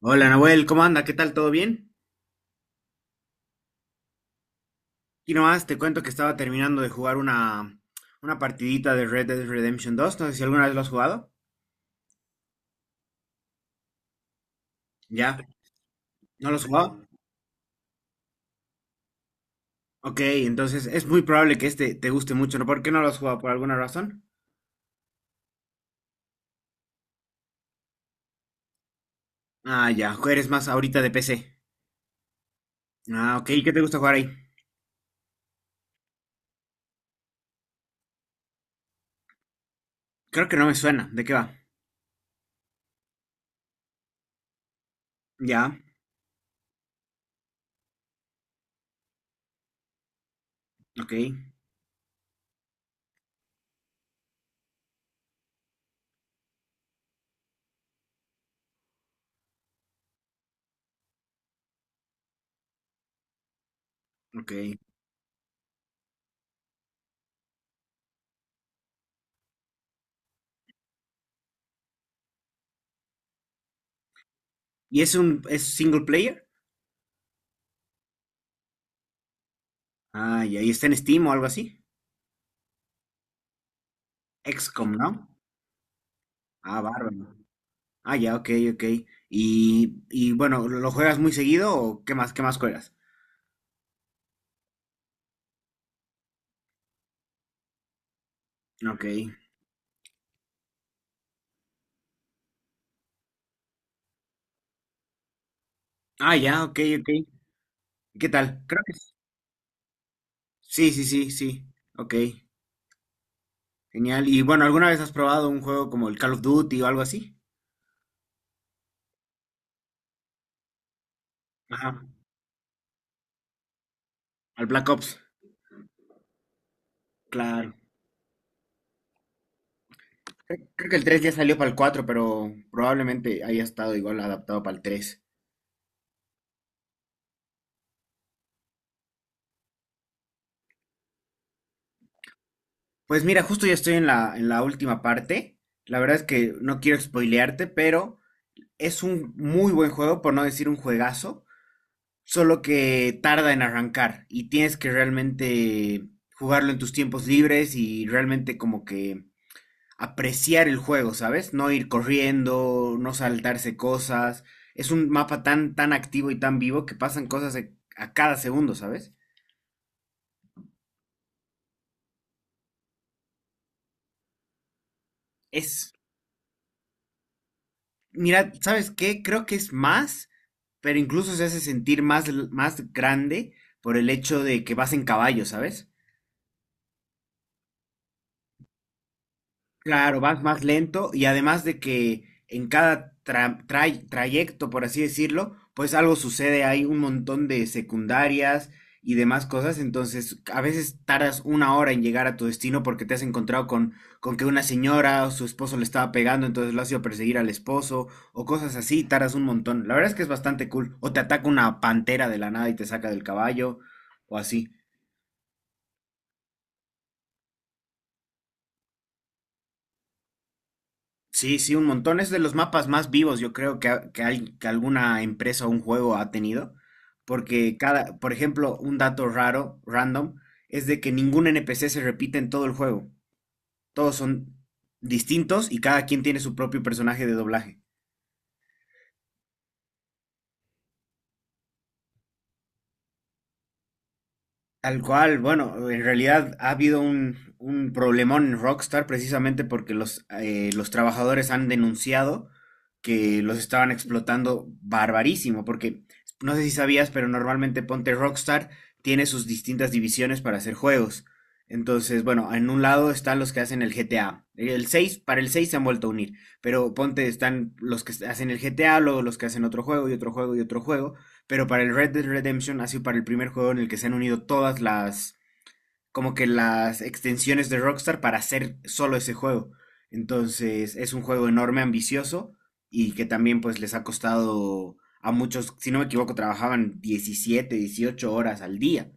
Hola Nahuel, ¿cómo anda? ¿Qué tal? ¿Todo bien? Aquí nomás te cuento que estaba terminando de jugar una partidita de Red Dead Redemption 2. No sé si alguna vez lo has jugado. ¿Ya? ¿No lo has jugado? Ok, entonces es muy probable que este te guste mucho, ¿no? ¿Por qué no lo has jugado? ¿Por alguna razón? Ah, ya, eres más ahorita de PC. Ah, ok, ¿qué te gusta jugar ahí? Creo que no me suena. ¿De qué va? Ya, ok, ok. ¿Y es un es single player? Ah, ya, ¿y está en Steam o algo así? XCOM, ¿no? Ah, bárbaro. Ah, ya, ok, ok. Y bueno, ¿lo juegas muy seguido o qué más juegas? Ok. Ah, ya, ok, ok. ¿Qué tal? Sí, sí, sí, sí. Ok, genial. Y bueno, ¿alguna vez has probado un juego como el Call of Duty o algo así? Ajá, al Black Ops. Claro. Creo que el 3 ya salió para el 4, pero probablemente haya estado igual adaptado para el 3. Pues mira, justo ya estoy en la última parte. La verdad es que no quiero spoilearte, pero es un muy buen juego, por no decir un juegazo. Solo que tarda en arrancar y tienes que realmente jugarlo en tus tiempos libres y realmente como que apreciar el juego, ¿sabes? No ir corriendo, no saltarse cosas. Es un mapa tan, tan activo y tan vivo que pasan cosas a cada segundo, ¿sabes? Es, mira, ¿sabes qué? Creo que es más, pero incluso se hace sentir más, más grande por el hecho de que vas en caballo, ¿sabes? Claro, vas más lento y además de que en cada trayecto, por así decirlo, pues algo sucede, hay un montón de secundarias y demás cosas, entonces a veces tardas una hora en llegar a tu destino porque te has encontrado con que una señora o su esposo le estaba pegando, entonces lo has ido a perseguir al esposo o cosas así, tardas un montón. La verdad es que es bastante cool. O te ataca una pantera de la nada y te saca del caballo o así. Sí, sí, un montón. Es de los mapas más vivos, yo creo, que, ha- que, hay- que alguna empresa o un juego ha tenido. Porque cada, por ejemplo, un dato raro, random, es de que ningún NPC se repite en todo el juego. Todos son distintos y cada quien tiene su propio personaje de doblaje. Tal cual, bueno, en realidad ha habido un problemón en Rockstar precisamente porque los trabajadores han denunciado que los estaban explotando barbarísimo, porque no sé si sabías, pero normalmente Ponte Rockstar tiene sus distintas divisiones para hacer juegos. Entonces, bueno, en un lado están los que hacen el GTA. El 6 para el 6 se han vuelto a unir, pero ponte están los que hacen el GTA, luego los que hacen otro juego y otro juego y otro juego. Pero para el Red Dead Redemption ha sido para el primer juego en el que se han unido todas las, como que las extensiones de Rockstar para hacer solo ese juego. Entonces es un juego enorme, ambicioso y que también pues les ha costado a muchos, si no me equivoco, trabajaban 17, 18 horas al día.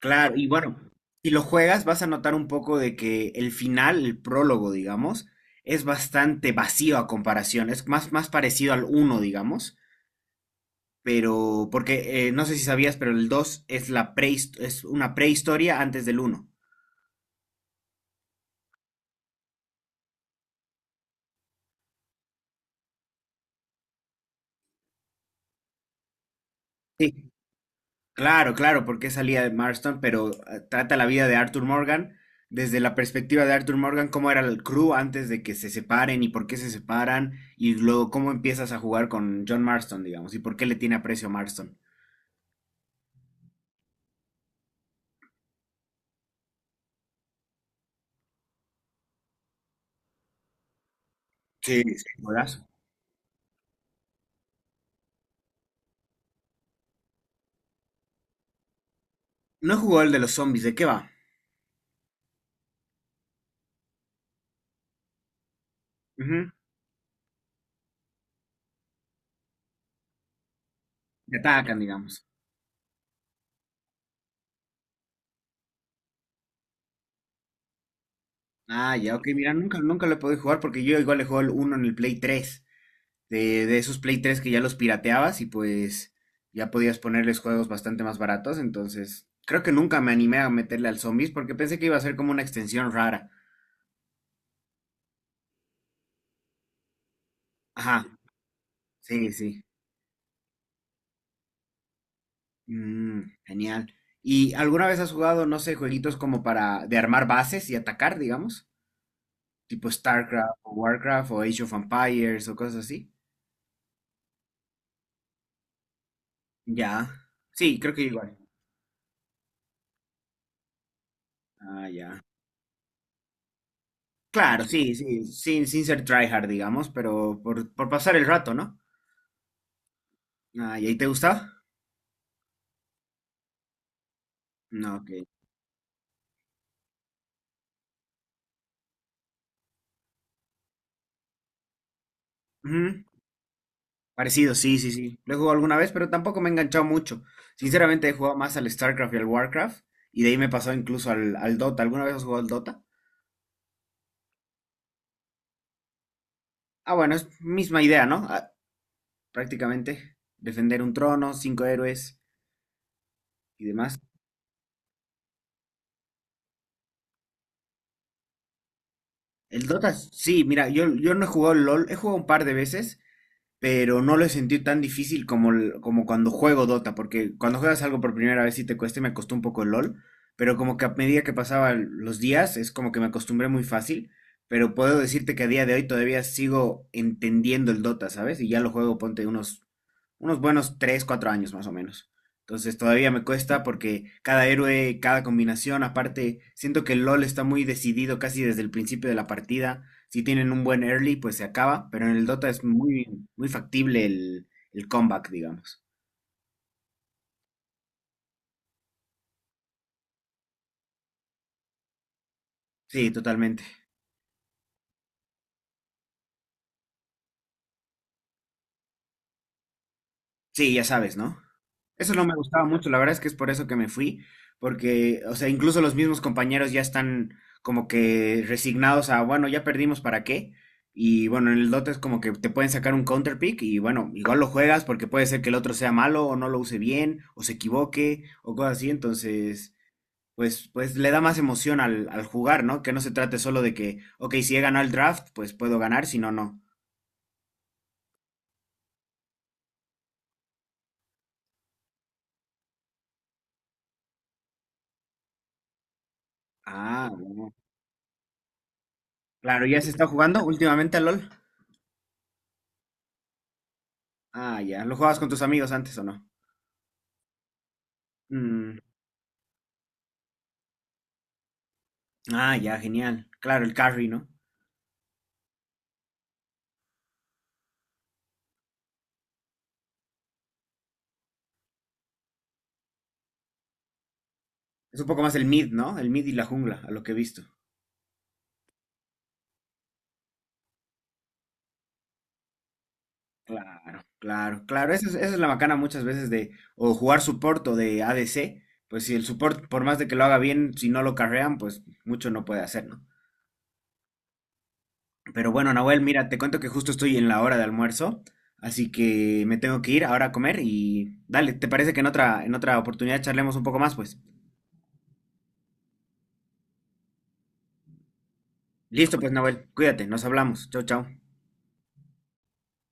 Claro, y bueno, si lo juegas vas a notar un poco de que el final, el prólogo, digamos, es bastante vacío a comparación, es más, más parecido al uno digamos. Pero, porque no sé si sabías, pero el 2 es, es una prehistoria antes del uno. Sí, claro, claro, porque salía de Marston, pero trata la vida de Arthur Morgan desde la perspectiva de Arthur Morgan, cómo era el crew antes de que se separen y por qué se separan, y luego cómo empiezas a jugar con John Marston, digamos, y por qué le tiene aprecio a Marston. Sí, sí. Juegazo. No jugó el de los zombies, ¿de qué va? Ujú. Te atacan, digamos. Ah, ya, ok, mira, nunca, nunca lo he podido jugar porque yo igual le juego el uno en el Play 3 de esos Play 3 que ya los pirateabas y pues ya podías ponerles juegos bastante más baratos. Entonces, creo que nunca me animé a meterle al Zombies porque pensé que iba a ser como una extensión rara. Ajá, sí, sí. Mm, genial. ¿Y alguna vez has jugado, no sé, jueguitos como para de armar bases y atacar, digamos? Tipo StarCraft o Warcraft o Age of Empires o cosas así. Ya. Sí, creo que igual. Ah, ya. Claro, sí, sí, sin, sin ser tryhard, digamos, pero por pasar el rato, ¿no? Ah, ¿y ahí te gusta? No, ok. Ujú. Parecido, sí, sí, sí. Lo he jugado alguna vez, pero tampoco me he enganchado mucho. Sinceramente, he jugado más al StarCraft y al WarCraft, y de ahí me pasó incluso al, al Dota. ¿Alguna vez has jugado al Dota? Ah, bueno, es misma idea, ¿no? Ah, prácticamente, defender un trono, cinco héroes y demás. El Dota, sí, mira, yo no he jugado al LOL, he jugado un par de veces, pero no lo he sentido tan difícil como, como cuando juego Dota, porque cuando juegas algo por primera vez sí te cuesta y me costó un poco el LOL, pero como que a medida que pasaban los días es como que me acostumbré muy fácil, pero puedo decirte que a día de hoy todavía sigo entendiendo el Dota, ¿sabes? Y ya lo juego, ponte unos, unos buenos 3 4 años más o menos. Entonces todavía me cuesta porque cada héroe, cada combinación, aparte, siento que el LOL está muy decidido casi desde el principio de la partida. Si tienen un buen early, pues se acaba, pero en el Dota es muy, muy factible el comeback, digamos. Sí, totalmente. Sí, ya sabes, ¿no? Eso no me gustaba mucho, la verdad es que es por eso que me fui, porque, o sea, incluso los mismos compañeros ya están como que resignados a, bueno, ya perdimos, ¿para qué? Y bueno, en el Dota es como que te pueden sacar un counter pick y bueno, igual lo juegas porque puede ser que el otro sea malo o no lo use bien o se equivoque o cosas así, entonces pues le da más emoción al jugar, ¿no? Que no se trate solo de que, ok, si he ganado el draft, pues puedo ganar, si no, no. Ah, claro, ¿ya se está jugando últimamente al LOL? Ah, ya, ¿lo jugabas con tus amigos antes o no? Mm, ah, ya, genial. Claro, el carry, ¿no? Es un poco más el mid, ¿no? El mid y la jungla, a lo que he visto. Claro, claro, claro. Esa es la macana muchas veces de o jugar support o de ADC. Pues si el support, por más de que lo haga bien, si no lo carrean, pues mucho no puede hacer, ¿no? Pero bueno, Nahuel, mira, te cuento que justo estoy en la hora de almuerzo, así que me tengo que ir ahora a comer y dale, ¿te parece que en otra oportunidad charlemos un poco más, pues? Listo, pues, Nahuel, cuídate, nos hablamos. Chau, chau.